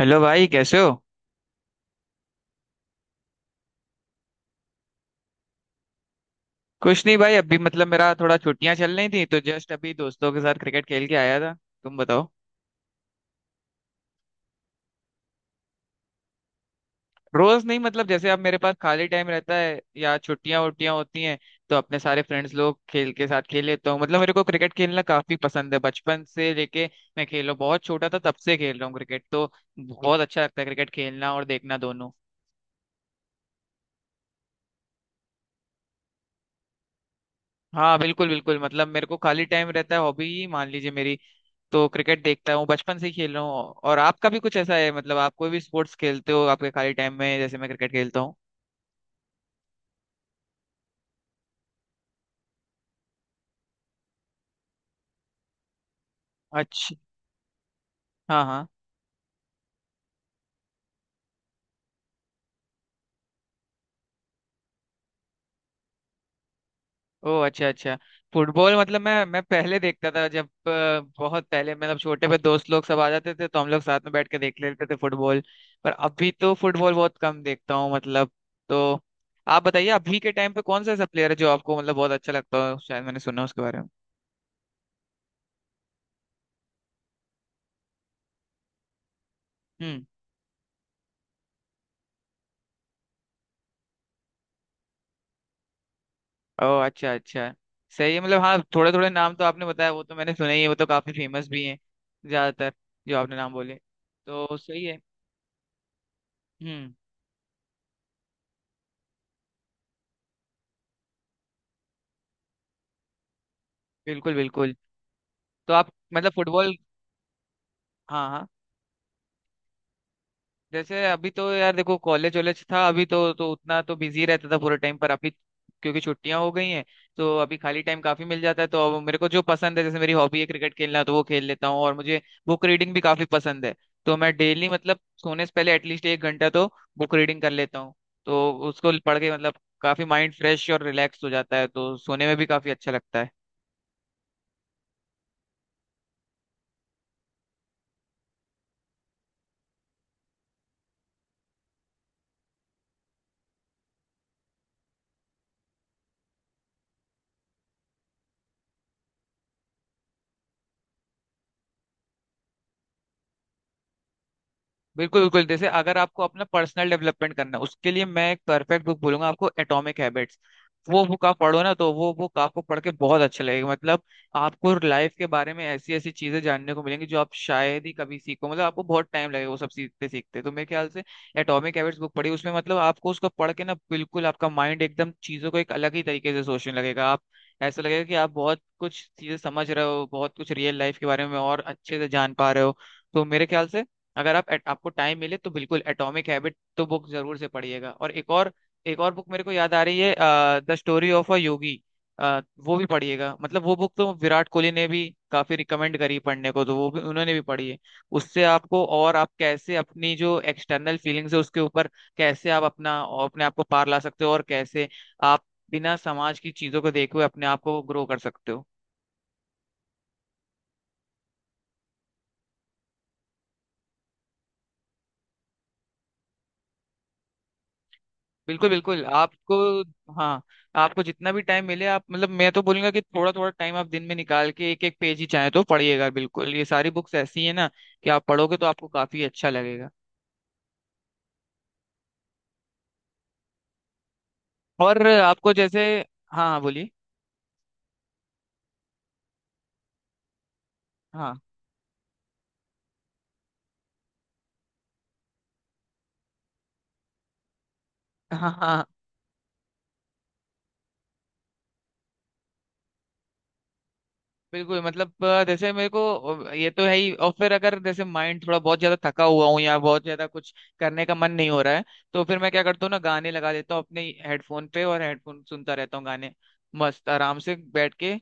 Hello भाई, कैसे हो? कुछ नहीं भाई, अभी मतलब मेरा थोड़ा छुट्टियां चल रही थी तो जस्ट अभी दोस्तों के साथ क्रिकेट खेल के आया था। तुम बताओ। रोज नहीं, मतलब जैसे अब मेरे पास खाली टाइम रहता है या छुट्टियां वुट्टियां होती हैं तो अपने सारे फ्रेंड्स लोग खेल के साथ खेल लेता हूँ। मतलब मेरे को क्रिकेट खेलना काफी पसंद है, बचपन से लेके मैं खेलो बहुत छोटा था तब से खेल रहा हूँ क्रिकेट, तो बहुत अच्छा लगता है क्रिकेट खेलना और देखना दोनों। हाँ बिल्कुल बिल्कुल, मतलब मेरे को खाली टाइम रहता है, हॉबी ही मान लीजिए मेरी। तो क्रिकेट देखता हूँ बचपन से ही खेल रहा हूँ। और आपका भी कुछ ऐसा है? मतलब आप कोई भी स्पोर्ट्स खेलते हो आपके खाली टाइम में, जैसे मैं क्रिकेट खेलता हूँ। अच्छा। हाँ हाँ। ओ अच्छा अच्छा। फुटबॉल मतलब मैं पहले देखता था, जब बहुत पहले, मतलब छोटे पे दोस्त लोग सब आ जाते थे तो हम लोग साथ में बैठ के देख लेते थे फुटबॉल। पर अभी तो फुटबॉल बहुत कम देखता हूँ मतलब। तो आप बताइए अभी के टाइम पे कौन सा ऐसा प्लेयर है जो आपको मतलब बहुत अच्छा लगता हो, शायद मैंने सुना उसके बारे में। हम्म। ओह अच्छा अच्छा। सही है, मतलब हाँ थोड़े थोड़े नाम तो आपने बताया, वो तो मैंने सुने ही है, वो तो काफी फेमस भी हैं ज्यादातर जो आपने नाम बोले, तो सही है। हम्म। बिल्कुल बिल्कुल। तो आप मतलब फुटबॉल। हाँ हाँ। जैसे अभी तो यार देखो कॉलेज वॉलेज था, अभी तो उतना तो बिजी रहता था पूरे टाइम। पर अभी क्योंकि छुट्टियां हो गई हैं तो अभी खाली टाइम काफी मिल जाता है, तो अब मेरे को जो पसंद है, जैसे मेरी हॉबी है क्रिकेट खेलना, तो वो खेल लेता हूँ। और मुझे बुक रीडिंग भी काफी पसंद है, तो मैं डेली मतलब सोने से पहले एटलीस्ट 1 घंटा तो बुक रीडिंग कर लेता हूँ। तो उसको पढ़ के मतलब काफी माइंड फ्रेश और रिलैक्स हो जाता है, तो सोने में भी काफी अच्छा लगता है। बिल्कुल बिल्कुल, जैसे अगर आपको अपना पर्सनल डेवलपमेंट करना है उसके लिए मैं एक परफेक्ट बुक बोलूंगा आपको, एटॉमिक हैबिट्स। वो बुक आप पढ़ो ना तो वो बुक आपको पढ़ के बहुत अच्छा लगेगा। मतलब आपको लाइफ के बारे में ऐसी ऐसी चीजें जानने को मिलेंगी जो आप शायद ही कभी सीखो, मतलब आपको बहुत टाइम लगेगा वो सब सीखते सीखते। तो मेरे ख्याल से एटॉमिक हैबिट्स बुक पढ़ी उसमें मतलब आपको उसको पढ़ के ना बिल्कुल आपका माइंड एकदम चीजों को एक अलग ही तरीके से सोचने लगेगा। आप ऐसा लगेगा कि आप बहुत कुछ चीजें समझ रहे हो, बहुत कुछ रियल लाइफ के बारे में और अच्छे से जान पा रहे हो। तो मेरे ख्याल से अगर आप आपको टाइम मिले तो बिल्कुल एटॉमिक हैबिट तो बुक जरूर से पढ़िएगा। और एक और बुक मेरे को याद आ रही है, द स्टोरी ऑफ अ योगी। वो भी पढ़िएगा, मतलब वो बुक तो विराट कोहली ने भी काफी रिकमेंड करी पढ़ने को, तो वो भी उन्होंने भी पढ़ी है। उससे आपको, और आप कैसे अपनी जो एक्सटर्नल फीलिंग्स है उसके ऊपर कैसे आप अपना अपने आप को पार ला सकते हो और कैसे आप बिना समाज की चीजों को देखे हुए अपने आप को ग्रो कर सकते हो। बिल्कुल बिल्कुल। आपको, हाँ, आपको जितना भी टाइम मिले आप मतलब मैं तो बोलूंगा कि थोड़ा थोड़ा टाइम आप दिन में निकाल के एक एक पेज ही चाहे तो पढ़िएगा। बिल्कुल ये सारी बुक्स ऐसी है ना कि आप पढ़ोगे तो आपको काफी अच्छा लगेगा। और आपको जैसे, हाँ हाँ बोलिए। हाँ। हाँ हाँ। बिल्कुल मतलब जैसे मेरे को, ये तो है ही, और फिर अगर जैसे माइंड थोड़ा बहुत ज्यादा थका हुआ हूँ या बहुत ज्यादा कुछ करने का मन नहीं हो रहा है तो फिर मैं क्या करता हूँ ना, गाने लगा देता हूँ अपने हेडफोन पे और हेडफोन सुनता रहता हूँ गाने, मस्त आराम से बैठ के।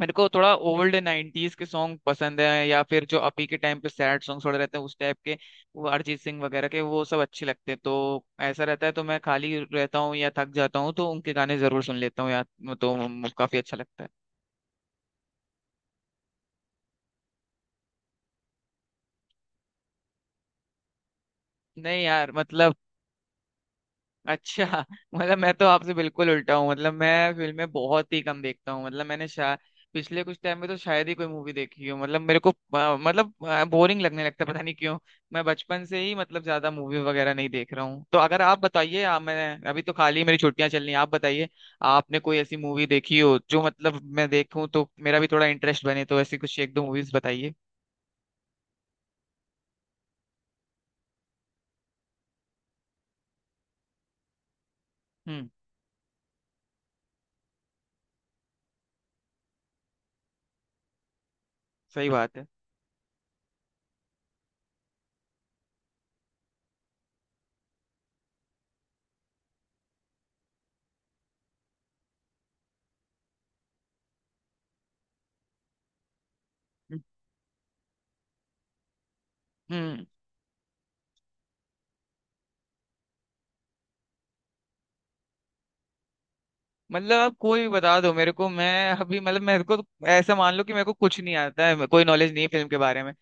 मेरे को थोड़ा ओल्ड 90s के सॉन्ग पसंद है, या फिर जो अभी के टाइम पे सैड सॉन्ग थोड़े रहते हैं उस टाइप के, वो अरिजीत सिंह वगैरह के, वो सब अच्छे लगते हैं। तो ऐसा रहता है, तो मैं खाली रहता हूँ या थक जाता हूँ तो उनके गाने जरूर सुन लेता हूँ यार। तो काफी अच्छा लगता है। नहीं यार मतलब, अच्छा मतलब मैं तो आपसे बिल्कुल उल्टा हूँ, मतलब मैं फिल्में बहुत ही कम देखता हूँ। मतलब मैंने शायद पिछले कुछ टाइम में तो शायद ही कोई मूवी देखी हो। मतलब मेरे को मतलब बोरिंग लगने लगता है, पता नहीं क्यों। मैं बचपन से ही मतलब ज्यादा मूवी वगैरह नहीं देख रहा हूँ। तो अगर आप बताइए, आप, मैं अभी तो खाली मेरी छुट्टियां चल रही हैं, आप बताइए आपने कोई ऐसी मूवी देखी हो जो मतलब मैं देखूं तो मेरा भी थोड़ा इंटरेस्ट बने, तो ऐसी कुछ एक दो मूवीज बताइए। हम्म। सही बात है। हम्म। मतलब आप कोई भी बता दो मेरे को, मैं अभी मतलब मेरे को ऐसा मान लो कि मेरे को कुछ नहीं आता है, कोई नॉलेज नहीं है फिल्म के बारे में।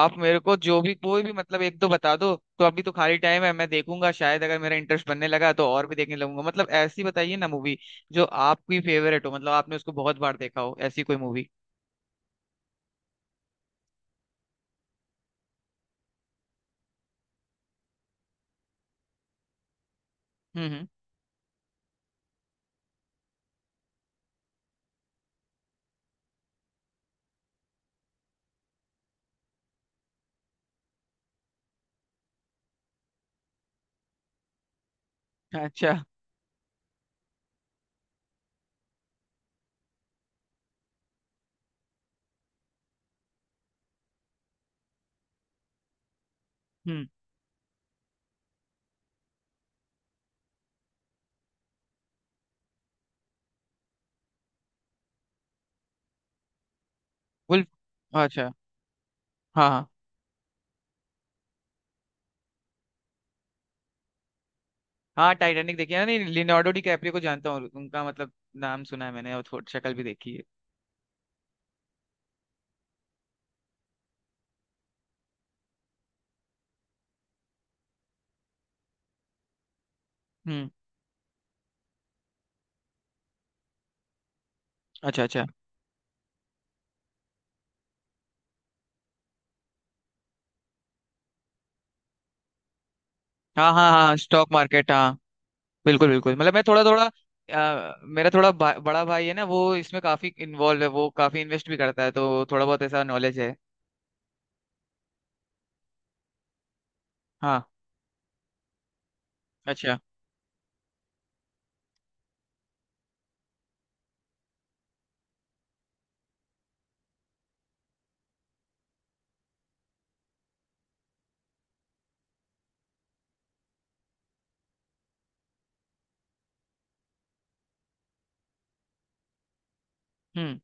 आप मेरे को जो भी कोई भी मतलब एक दो बता दो, तो अभी तो खाली टाइम है मैं देखूंगा, शायद अगर मेरा इंटरेस्ट बनने लगा तो और भी देखने लगूंगा। मतलब ऐसी बताइए ना मूवी जो आपकी फेवरेट हो, मतलब आपने उसको बहुत बार देखा हो, ऐसी कोई मूवी। हम्म, हम्म। अच्छा। हम्म। वुल्फ। अच्छा। हाँ हाँ। हाँ, टाइटैनिक देखी है ना, नहीं लियोनार्डो डिकैप्रियो को जानता हूँ, उनका मतलब नाम सुना है मैंने और थोड़ी शक्ल भी देखी है। हम्म। अच्छा अच्छा। हाँ हाँ हाँ, स्टॉक मार्केट, हाँ बिल्कुल बिल्कुल, मतलब मैं थोड़ा थोड़ा मेरा थोड़ा बड़ा भाई है ना, वो इसमें काफी इन्वॉल्व है, वो काफी इन्वेस्ट भी करता है तो थोड़ा बहुत ऐसा नॉलेज है। हाँ। अच्छा। हम्म।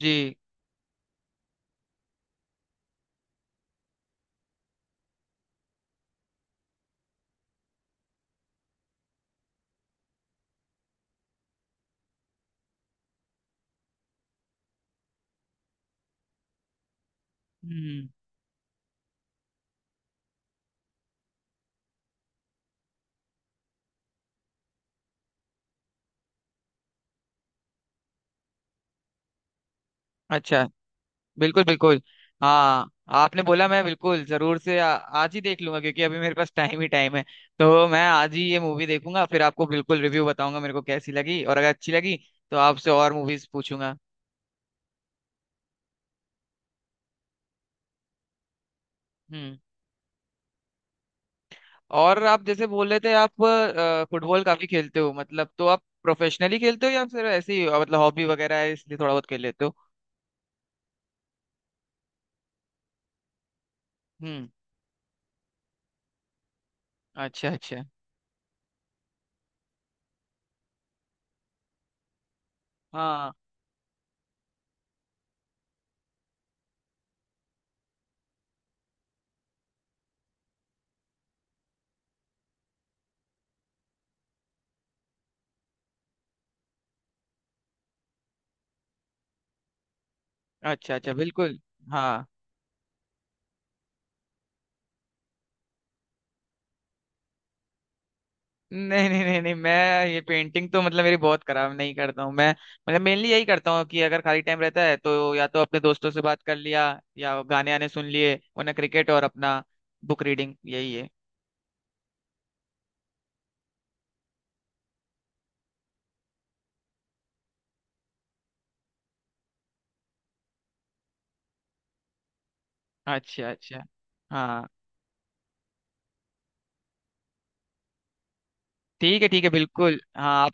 जी। हम्म। अच्छा। बिल्कुल बिल्कुल। हाँ। आपने बोला मैं बिल्कुल जरूर से आज ही देख लूंगा क्योंकि अभी मेरे पास टाइम ही टाइम है, तो मैं आज ही ये मूवी देखूंगा फिर आपको बिल्कुल रिव्यू बताऊंगा मेरे को कैसी लगी, और अगर अच्छी लगी तो आपसे और मूवीज पूछूंगा। हम्म। और आप जैसे बोल रहे थे आप फुटबॉल काफी खेलते हो मतलब, तो आप प्रोफेशनली खेलते हो या फिर ऐसे ही मतलब हॉबी वगैरह है इसलिए थोड़ा बहुत खेल लेते हो? हम्म। अच्छा अच्छा। हाँ। अच्छा अच्छा बिल्कुल। हाँ। नहीं नहीं नहीं नहीं, मैं ये पेंटिंग तो मतलब मेरी बहुत खराब, नहीं करता हूँ मैं, मतलब मेनली यही करता हूँ कि अगर खाली टाइम रहता है तो या तो अपने दोस्तों से बात कर लिया या गाने आने सुन लिए, वरना क्रिकेट और अपना बुक रीडिंग यही है। अच्छा अच्छा। हाँ। ठीक है ठीक है, बिल्कुल हाँ।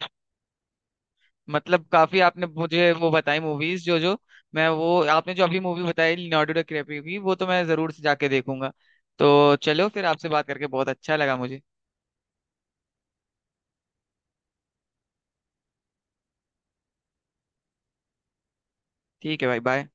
मतलब काफी आपने मुझे वो बताई मूवीज जो जो, मैं वो आपने जो अभी मूवी बताई लियोनार्डो डिकैप्रियो की, वो तो मैं जरूर से जाके देखूंगा। तो चलो फिर आपसे बात करके बहुत अच्छा लगा मुझे। ठीक है भाई, बाय।